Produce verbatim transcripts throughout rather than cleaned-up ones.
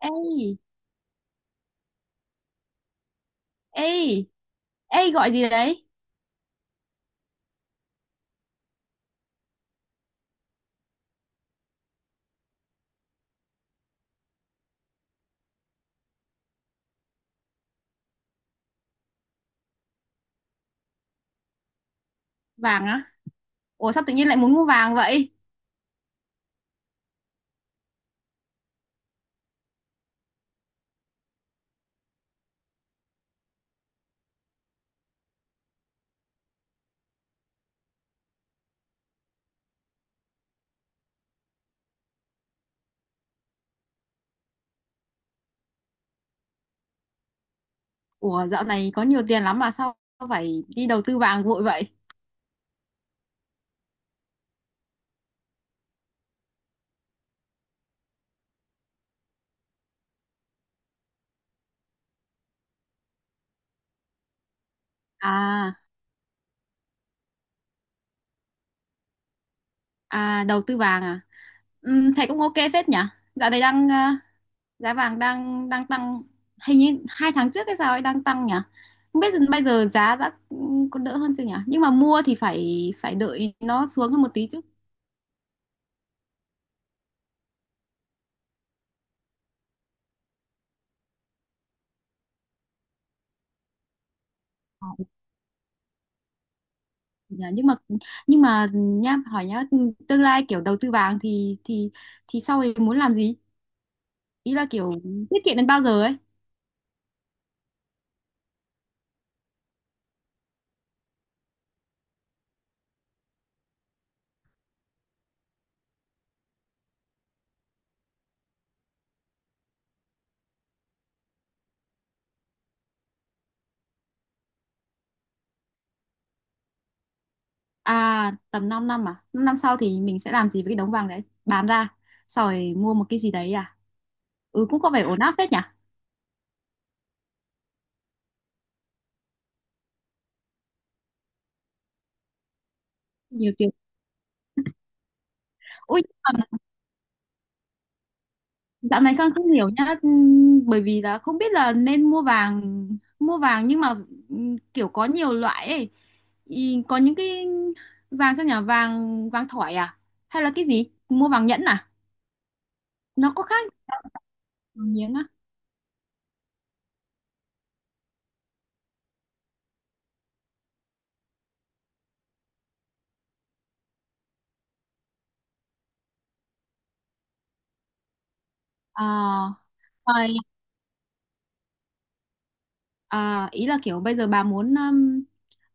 Ê, ê, ê gọi gì đấy? Vàng á? Ủa sao tự nhiên lại muốn mua vàng vậy? Ủa dạo này có nhiều tiền lắm mà sao phải đi đầu tư vàng vội vậy? À, à đầu tư vàng à? Ừm, thế cũng ok phết nhỉ? Dạo này đang ờ, giá vàng đang đang tăng, hình như hai tháng trước hay sao ấy đang tăng nhỉ? Không biết bây giờ giá đã ừm, có đỡ hơn chưa nhỉ? Nhưng mà mua thì phải phải đợi nó xuống hơn một tí chứ. Dạ, nhưng mà nhưng mà nha hỏi nhá, tương lai kiểu đầu tư vàng thì thì thì sau ấy muốn làm gì, ý là kiểu tiết kiệm đến bao giờ ấy. À tầm 5 năm à? 5 năm sau thì mình sẽ làm gì với cái đống vàng đấy, bán ra sau rồi mua một cái gì đấy à? Ừ, cũng có vẻ ổn áp phết nhỉ. Nhiều tiền. Ui, dạo này con không hiểu nhá, ừm, bởi vì là không biết là nên mua vàng, mua vàng nhưng mà ừm, kiểu có nhiều loại ấy. Ý, có những cái vàng sao nhỉ, vàng vàng thỏi à? Hay là cái gì? Mua vàng nhẫn à? Nó có khác vàng miếng á? À, rồi, à, ý là kiểu bây giờ bà muốn ừm,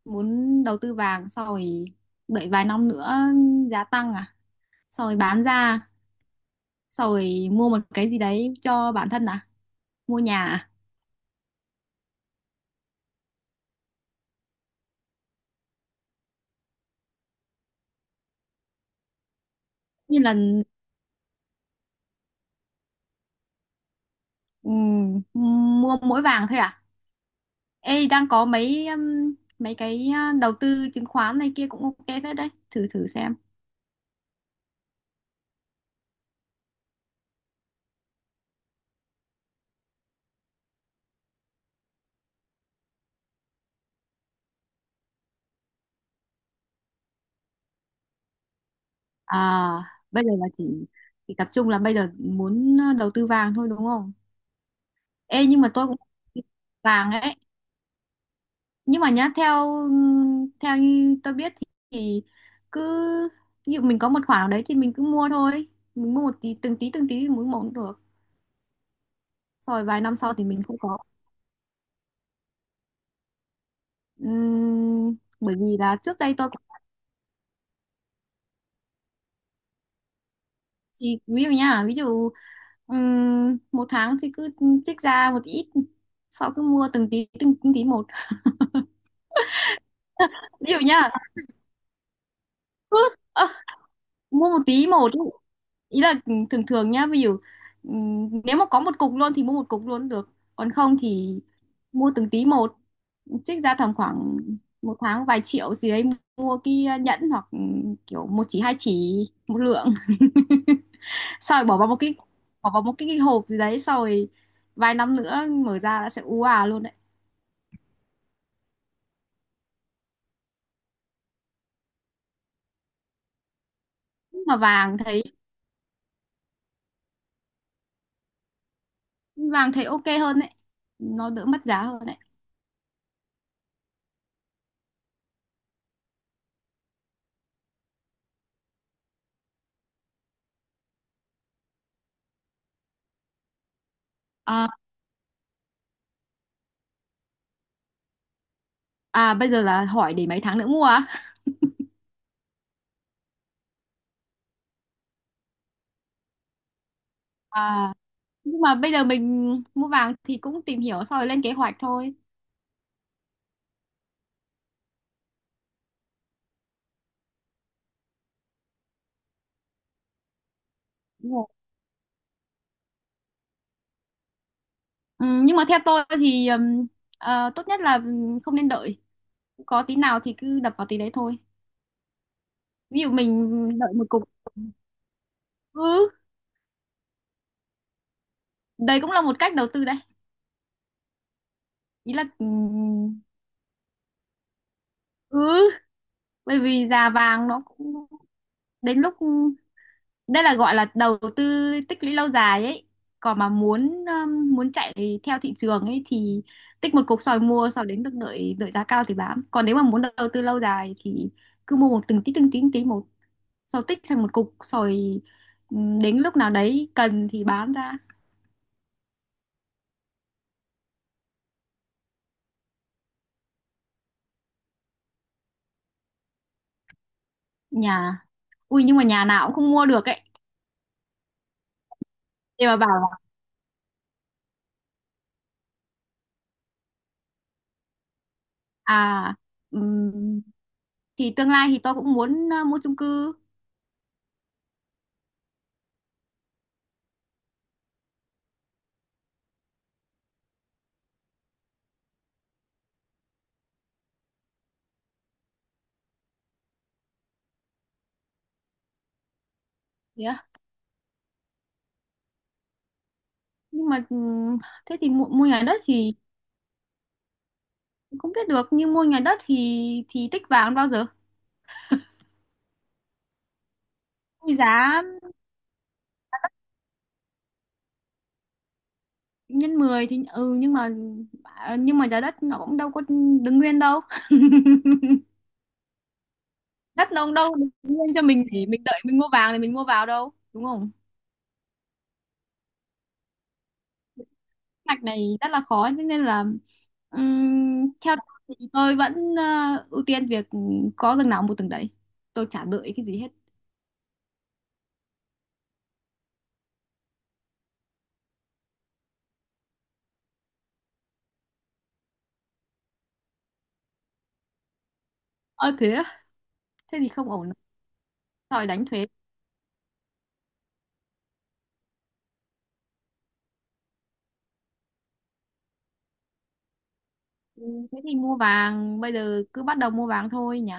muốn đầu tư vàng sau rồi đợi vài năm nữa giá tăng à? Sau rồi bán ra, sau rồi mua một cái gì đấy cho bản thân à? Mua nhà à? Như là, ừ, mua mỗi vàng thôi à? Ê, đang có mấy um, mấy cái uh, đầu tư chứng khoán này kia cũng ok phết đấy, thử thử xem. À, bây giờ là chỉ chỉ tập trung là bây giờ muốn uh, đầu tư vàng thôi đúng không? Ê, nhưng mà tôi cũng vàng ấy. Nhưng mà nhá, theo ừ, theo như tôi biết thì, thì cứ ví dụ mình có một khoản nào đấy thì mình cứ mua thôi. Mình mua một tí từng tí từng tí thì mỗi một cũng được. Rồi vài năm sau thì mình không có. Ừm, bởi vì là trước đây tôi thì ví dụ nha, ví dụ ừm, một tháng thì cứ trích ra một ít, sau cứ mua từng tí từng, từng tí một. Ví dụ nha, cứ ơ, mua một tí một ý. Ý là thường thường nhá, ví dụ ừm, nếu mà có một cục luôn thì mua một cục luôn được, còn không thì mua từng tí một, trích ra tầm khoảng một tháng vài triệu gì đấy, mua cái nhẫn hoặc kiểu một chỉ hai chỉ một lượng, xong rồi bỏ vào một cái, bỏ vào một cái, cái hộp gì đấy, xong rồi vài năm nữa mở ra đã sẽ ú à luôn đấy. Nhưng mà vàng thấy vàng thấy ok hơn đấy, nó đỡ mất giá hơn đấy. À, à bây giờ là hỏi để mấy tháng nữa mua à? À nhưng mà bây giờ mình mua vàng thì cũng tìm hiểu xong rồi lên kế hoạch thôi. Đúng rồi. Ừ, nhưng mà theo tôi thì ừm, ờ, tốt nhất là không nên đợi, có tí nào thì cứ đập vào tí đấy thôi. Ví dụ mình đợi một cục, ừ, đấy cũng là một cách đầu tư đấy. Ý là ừm, ừ, bởi vì già vàng nó cũng đến lúc, đây là gọi là đầu tư tích lũy lâu dài ấy. Còn mà muốn um, muốn chạy theo thị trường ấy thì tích một cục sỏi mua sau đến được, đợi đợi giá cao thì bán, còn nếu mà muốn đầu tư lâu dài thì cứ mua một từng tí từng tí từng tí một, sau tích thành một cục sỏi, ừm, đến lúc nào đấy cần thì bán ra. Nhà, ui nhưng mà nhà nào cũng không mua được ấy. Để mà bảo là, à, ừm, thì tương lai thì tôi cũng muốn ờ, mua chung cư. Nhưng mà ừm, thế thì mua, mua nhà đất thì không biết được, nhưng mua nhà đất thì thì tích vàng bao giờ. Cái giá nhân mười thì ừ, nhưng mà à, nhưng mà giá đất nó cũng đâu có đứng nguyên đâu. Đất nó cũng đâu đứng nguyên cho mình để mình đợi mình mua vàng thì mình mua vào đâu đúng không. Mạch này rất là khó, thế nên là ừm, theo tôi thì tôi vẫn ờ, ưu tiên việc có từng nào mua từng đấy, tôi chả đợi cái gì hết. Ơ thế á? Thế thì không ổn. Rồi đánh thuế. Ừ, thế thì mua vàng, bây giờ cứ bắt đầu mua vàng thôi nhỉ.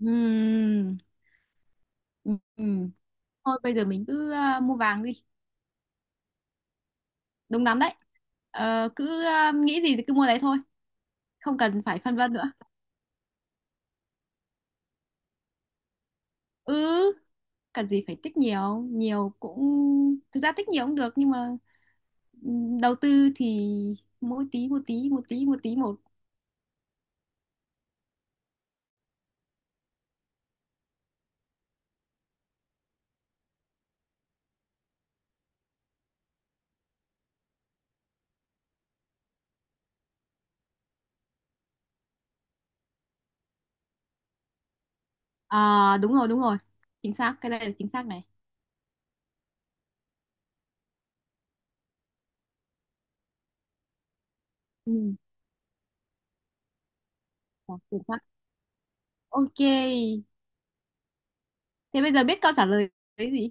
Ừm, ừ ừm. Thôi bây giờ mình cứ ờ, mua vàng đi, đúng lắm đấy. Ờ, cứ ờ, nghĩ gì thì cứ mua đấy thôi, không cần phải phân vân nữa. Ừ, cần gì phải tích nhiều, nhiều cũng, thực ra tích nhiều cũng được nhưng mà ừm, đầu tư thì mỗi tí một tí một tí một tí một. À, đúng rồi đúng rồi, chính xác, cái này là chính xác này. Ừ, ờ, chính xác. Ok, thế bây giờ biết câu trả lời đấy gì.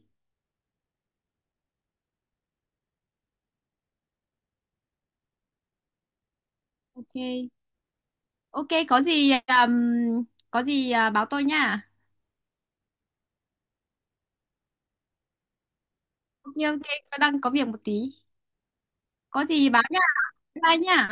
Ok, ok có gì um, có gì à, báo tôi nha. Nhiêu đang có việc một tí. Có gì báo nha. Bye nha.